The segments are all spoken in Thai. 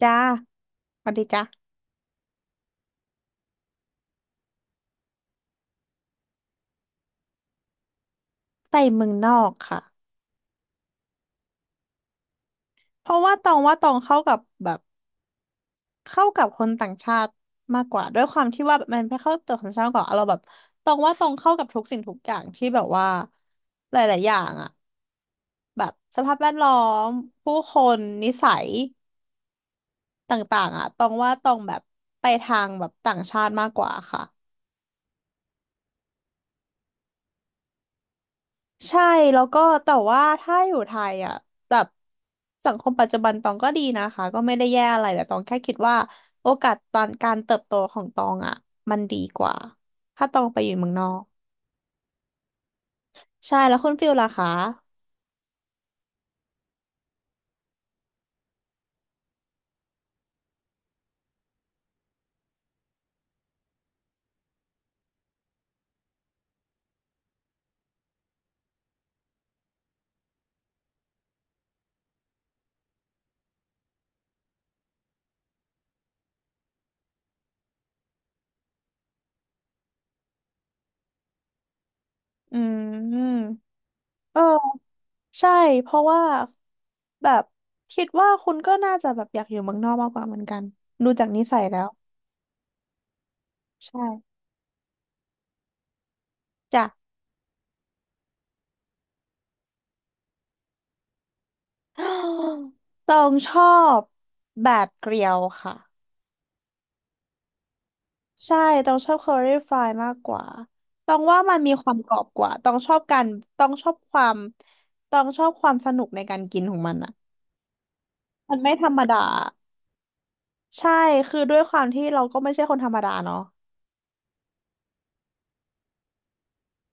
จ้าสวัสดีจ้าไปเมืองนอกค่ะเพราะว่าตองว่าตองเข้ากับแบบเข้ากับคนต่างชาติมากกว่าด้วยความที่ว่าแบบมันไม่เข้ากับตัวคนต่างชาติมากกว่าเราแบบตองว่าตองเข้ากับทุกสิ่งทุกอย่างที่แบบว่าหลายๆอย่างอะแบบสภาพแวดล้อมผู้คนนิสัยต่างๆอะตองว่าตองแบบไปทางแบบต่างชาติมากกว่าค่ะ ใช่แล้วก็แต่ว่าถ้าอยู่ไทยอ่ะแบบสังคมปัจจุบันตองก็ดีนะคะก็ไม่ได้แย่อะไรแต่ตองแค่คิดว่าโอกาสตอนการเติบโตของตองอ่ะมันดีกว่าถ้าตองไปอยู่เมืองนอกใช่แล้วคุณฟิลล่ะคะอืมเออใช่เพราะว่าแบบคิดว่าคุณก็น่าจะแบบอยากอยู่เมืองนอกมากกว่าเหมือนกันดูจากนิสัยแล้วใช่จ้ะ ตองชอบแบบเกลียวค่ะ ใช่ต้องชอบเคอรี่ฟรายมากกว่าต้องว่ามันมีความกรอบกว่าต้องชอบการต้องชอบความต้องชอบความสนุกในการกินของมันอ่ะมันไม่ธรรมดาใช่คือด้วยความที่เราก็ไม่ใช่คนธรรมดาเนาะ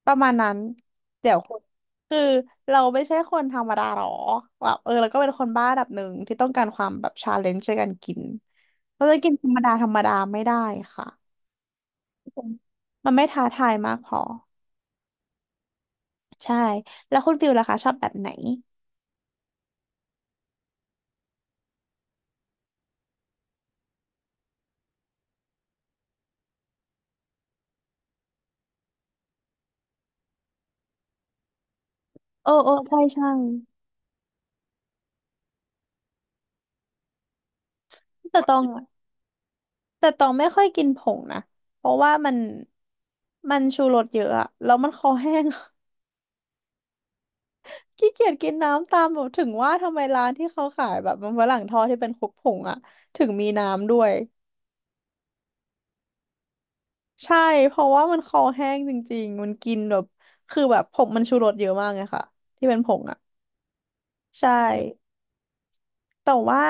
ประมาณนั้นเดี๋ยวคนคือเราไม่ใช่คนธรรมดาหรอแบบเออเราก็เป็นคนบ้าระดับหนึ่งที่ต้องการความแบบชาเลนจ์ในการกินเราจะกินธรรมดาธรรมดาไม่ได้ค่ะมันไม่ท้าทายมากพอใช่แล้วคุณฟิลล่ะคะชอบแบบไหน เออเออใช่ใช่แต่ตองอะแต่ตองไม่ค่อยกินผงนะเพราะว่ามัน มันชูรสเยอะอะ แล้วมันคอแห้ง ขี้เกียจกินน้ำตามแบบถึงว่าทำไมร้านที่เขาขายแบบมันฝรั่งทอดที่เป็นคลุกผงอะถึงมีน้ำด้วยใช่เพราะว่ามันคอแห้งจริงๆ มันกินแบบคือแบบผงมันชูรสเยอะมากไงค่ะที่เป็นผงอะใช่แต่ว่า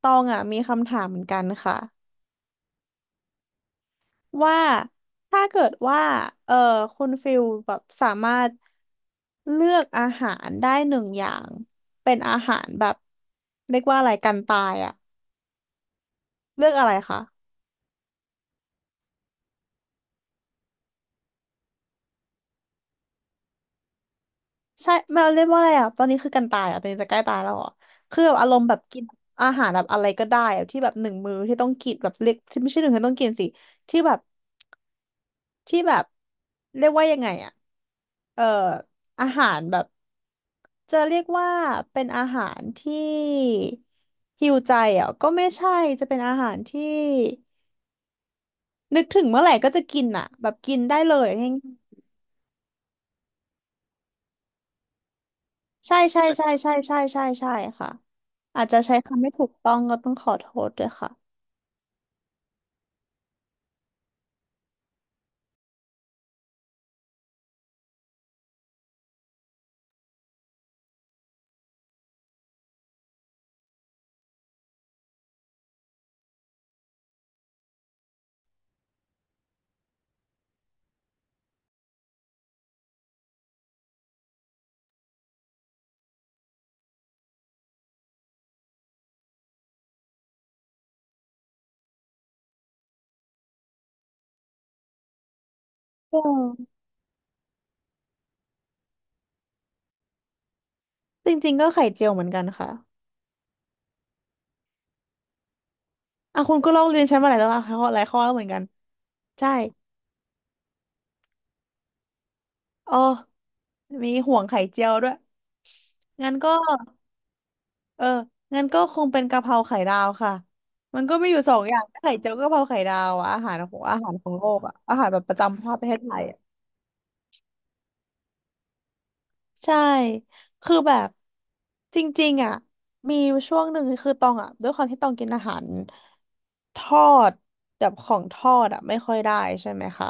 ตองอะมีคำถามเหมือนกันค่ะว่าถ้าเกิดว่าเออคุณฟิลแบบสามารถ เลือกอาหารได้หนึ่งอย่างเป็นอาหารแบบเรียกว่าอะไรกันตายอะเลือกอะไรคะใช่ไม่เรียกว่าอะไรอะตอนนี้คือกันตายอะตอนนี้จะใกล้ตายแล้วอะคือแบบอารมณ์แบบกินอาหารแบบอะไรก็ได้อะที่แบบหนึ่งมื้อที่ต้องกินแบบเล็กที่ไม่ใช่หนึ่งที่ต้องกินสิที่แบบที่แบบเรียกว่ายังไงอะเอ่ออาหารแบบจะเรียกว่าเป็นอาหารที่ฮิวใจอ่ะก็ไม่ใช่จะเป็นอาหารที่ นึกถึงเมื่อไหร่ก็จะกินอ่ะแบบกินได้เลยง่ายๆใช่ใช่ใช่ใช่ใช่ใช่ใช่ค่ะอาจจะใช้คำไม่ถูกต้องก็ต้องขอโทษด้วยค่ะเอจริงๆก็ไข่เจียวเหมือนกันค่ะอ่ะคุณก็ลอกเรียนใช้มาหลายแล้วอ่ะข้อหลายข้อแล้วเหมือนกันใช่อ๋อมีห่วงไข่เจียวด้วยงั้นก็เอองั้นก็คงเป็นกะเพราไข่ดาวค่ะมันก็มีอยู่สองอย่างไข่เจียวกะเพราไข่ดาวอะอาหารของอาหารของโลกอะอาหารแบบประจำชาติประเทศไทย ใช่ คือแบบจริงๆอ่ะมีช่วงหนึ่งคือตองอ่ะด้วยความที่ตองกินอาหารทอดแบบของทอดอ่ะไม่ค่อยได้ใช่ไหมคะ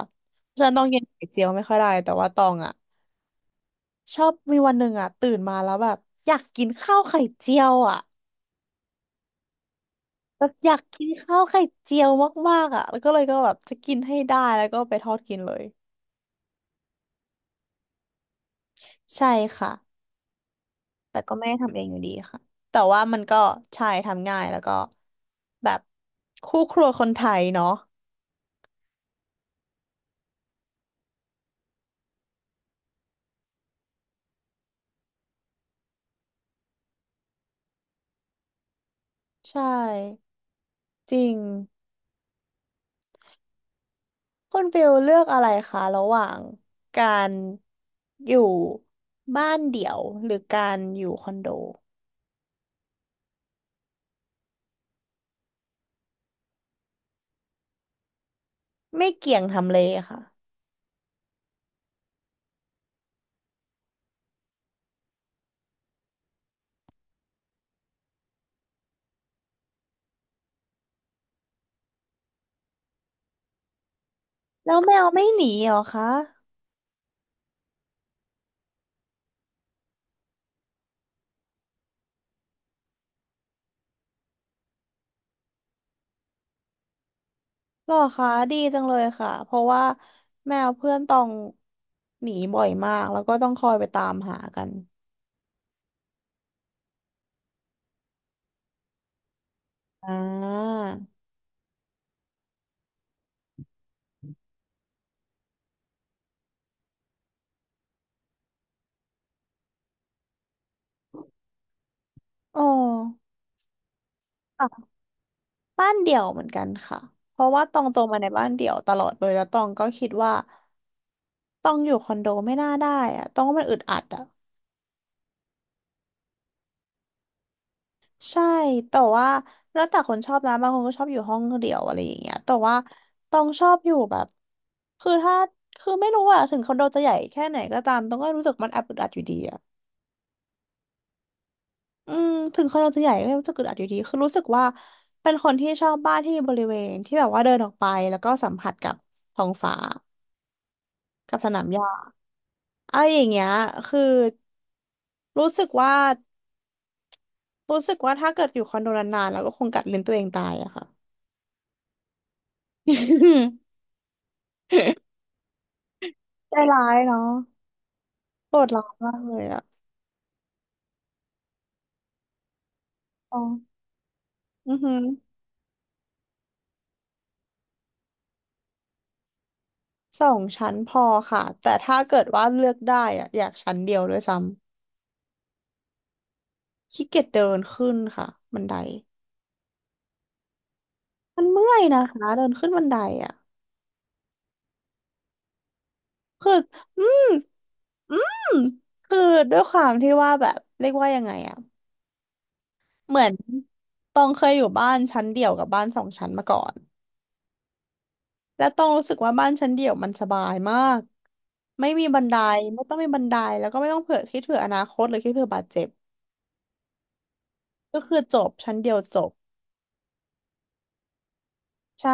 เพราะฉะนั้นตองกินไข่เจียวไม่ค่อยได้แต่ว่าตองอ่ะชอบมีวันหนึ่งอ่ะตื่นมาแล้วแบบอยากกินข้าวไข่เจียวอ่ะแบบอยากกินข้าวไข่เจียวมากๆอ่ะแล้วก็เลยก็แบบจะกินให้ได้แล้วก็ไปทอดกินเลยใช่ค่ะ แต่ก็ไม่ได้ทำเองอยู่ดีค่ะแต่ว่ามันก็ใช่ทำง่ายแล้วก็แบบคู่ครัวคนไทยเนาะใช่จริงคุณฟิลเลือกอะไรคะระหว่างการอยู่บ้านเดี่ยวหรือการอยู่คอนโดไม่เกี่ยงทำเลค่ะแล้วแมวไม่หนีเหรอคะหรอคะดีจังเลยค่ะเพราะว่าแมวเพื่อนต้องหนีบ่อยมากแล้วก็ต้องคอยไปตามหากันอ่าอ๋อ บ้านเดี่ยวเหมือนกันค่ะ เพราะว่าตองโตมาในบ้านเดี่ยวตลอดเลยแล้วตองก็คิดว่าตองอยู่คอนโดไม่น่าได้อะตองว่ามันอึดอัดอะใช่ แต่ว่าแล้วแต่คนชอบนะบางคนก็ชอบอยู่ห้องเดี่ยวอะไรอย่างเงี้ยแต่ว่าตองชอบอยู่แบบคือถ้าคือไม่รู้อะถึงคอนโดจะใหญ่แค่ไหนก็ตามตองก็รู้สึกมันแอบอึดอัดอยู่ดีอะอืมถึงคอนโดจะใหญ่ก็ยังรู้สึกอึดอัดอยู่ดีคือรู้สึกว่าเป็นคนที่ชอบบ้านที่มีบริเวณที่แบบว่าเดินออกไปแล้วก็สัมผัสกับท้องฟ้ากับสนามหญ้า เอาอย่างเงี้ยคือรู้สึกว่ารู้สึกว่าถ้าเกิดอยู่คอนโดนานๆแล้วก็คงกัดลิ้นตัวเองตายอะค่ะ ใจร้ายเนาะโหดร้ายมากเลยอะอ๋ออือหือสองชั้นพอค่ะแต่ถ้าเกิดว่าเลือกได้อะอยากชั้นเดียวด้วยซ้ำขี้เกียจเดินขึ้นค่ะบันไดมันเมื่อยนะคะเดินขึ้นบันไดอะคืออืมอืมคือด้วยความที่ว่าแบบเรียกว่ายังไงอะ เหมือนตองเคยอยู่บ้านชั้นเดี่ยวกับบ้านสองชั้นมาก่อนแล้วตองรู้สึกว่าบ้านชั้นเดี่ยวมันสบายมากไม่มีบันไดไม่ต้องมีบันไดแล้วก็ไม่ต้องเผื่อคิดเผื่ออนาคตหรือคิดเผื่อบาดเจ็บก็คือจบชั้นเดียวจบใช่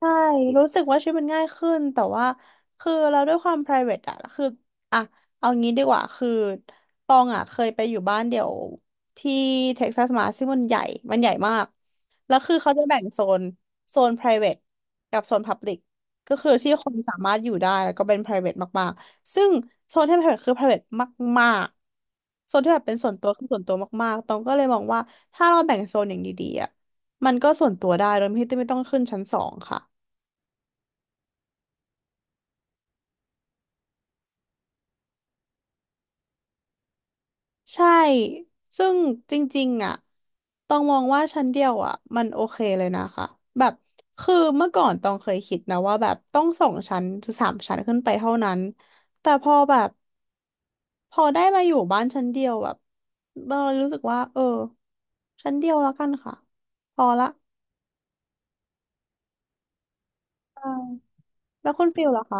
ใช่รู้สึกว่าชีวิตมันง่ายขึ้น แต่ว่าคือเราด้วยความ private อะคืออะเอางี้ดีกว่า คือตองอะเคยไปอยู่บ้านเดี่ยวที่เท็กซัสมาซึ่งมันใหญ่ มันใหญ่มาก แล้วคือเขาจะแบ่งโซน private กับโซน public ก็คือที่คนสามารถอยู่ได้แล้วก็เป็น private มาก ๆ ซึ่งโซนที่เป็น private คือ private มาก ๆ โซนที่แบบเป็นส่วนตัวคือส่วนตัวมาก ๆตองก็เลยมองว่าถ้าเราแบ่งโซนอย่างดีๆอะมันก็ส่วนตัวได้โดยที่ไม่ต้องขึ้นชั้นสองค่ะ ใช่ซึ่งจริงๆอ่ะต้องมองว่าชั้นเดียวอ่ะมันโอเคเลยนะคะแบบคือเมื่อก่อนต้องเคยคิดนะว่าแบบต้องสองชั้นหรือสามชั้นขึ้นไปเท่านั้นแต่พอแบบพอได้มาอยู่บ้านชั้นเดียวแบบเรารู้สึกว่าเออชั้นเดียวแล้วกันค่ะพอละใช่แล้วคุณฟิลล่ะคะ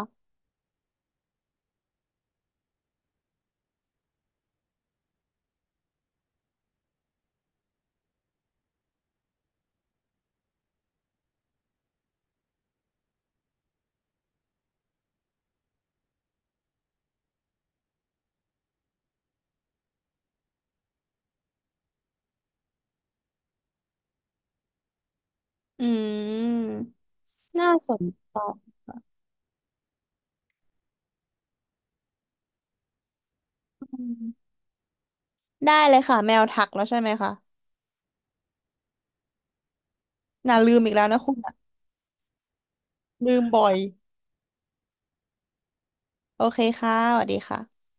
อืมน่าสนใจอืมได้เลยค่ะแมวทักแล้วใช่ไหมคะน่าลืมอีกแล้วนะคุณอะลืมบ่อย โอเคค่ะสวัสดีค่ะ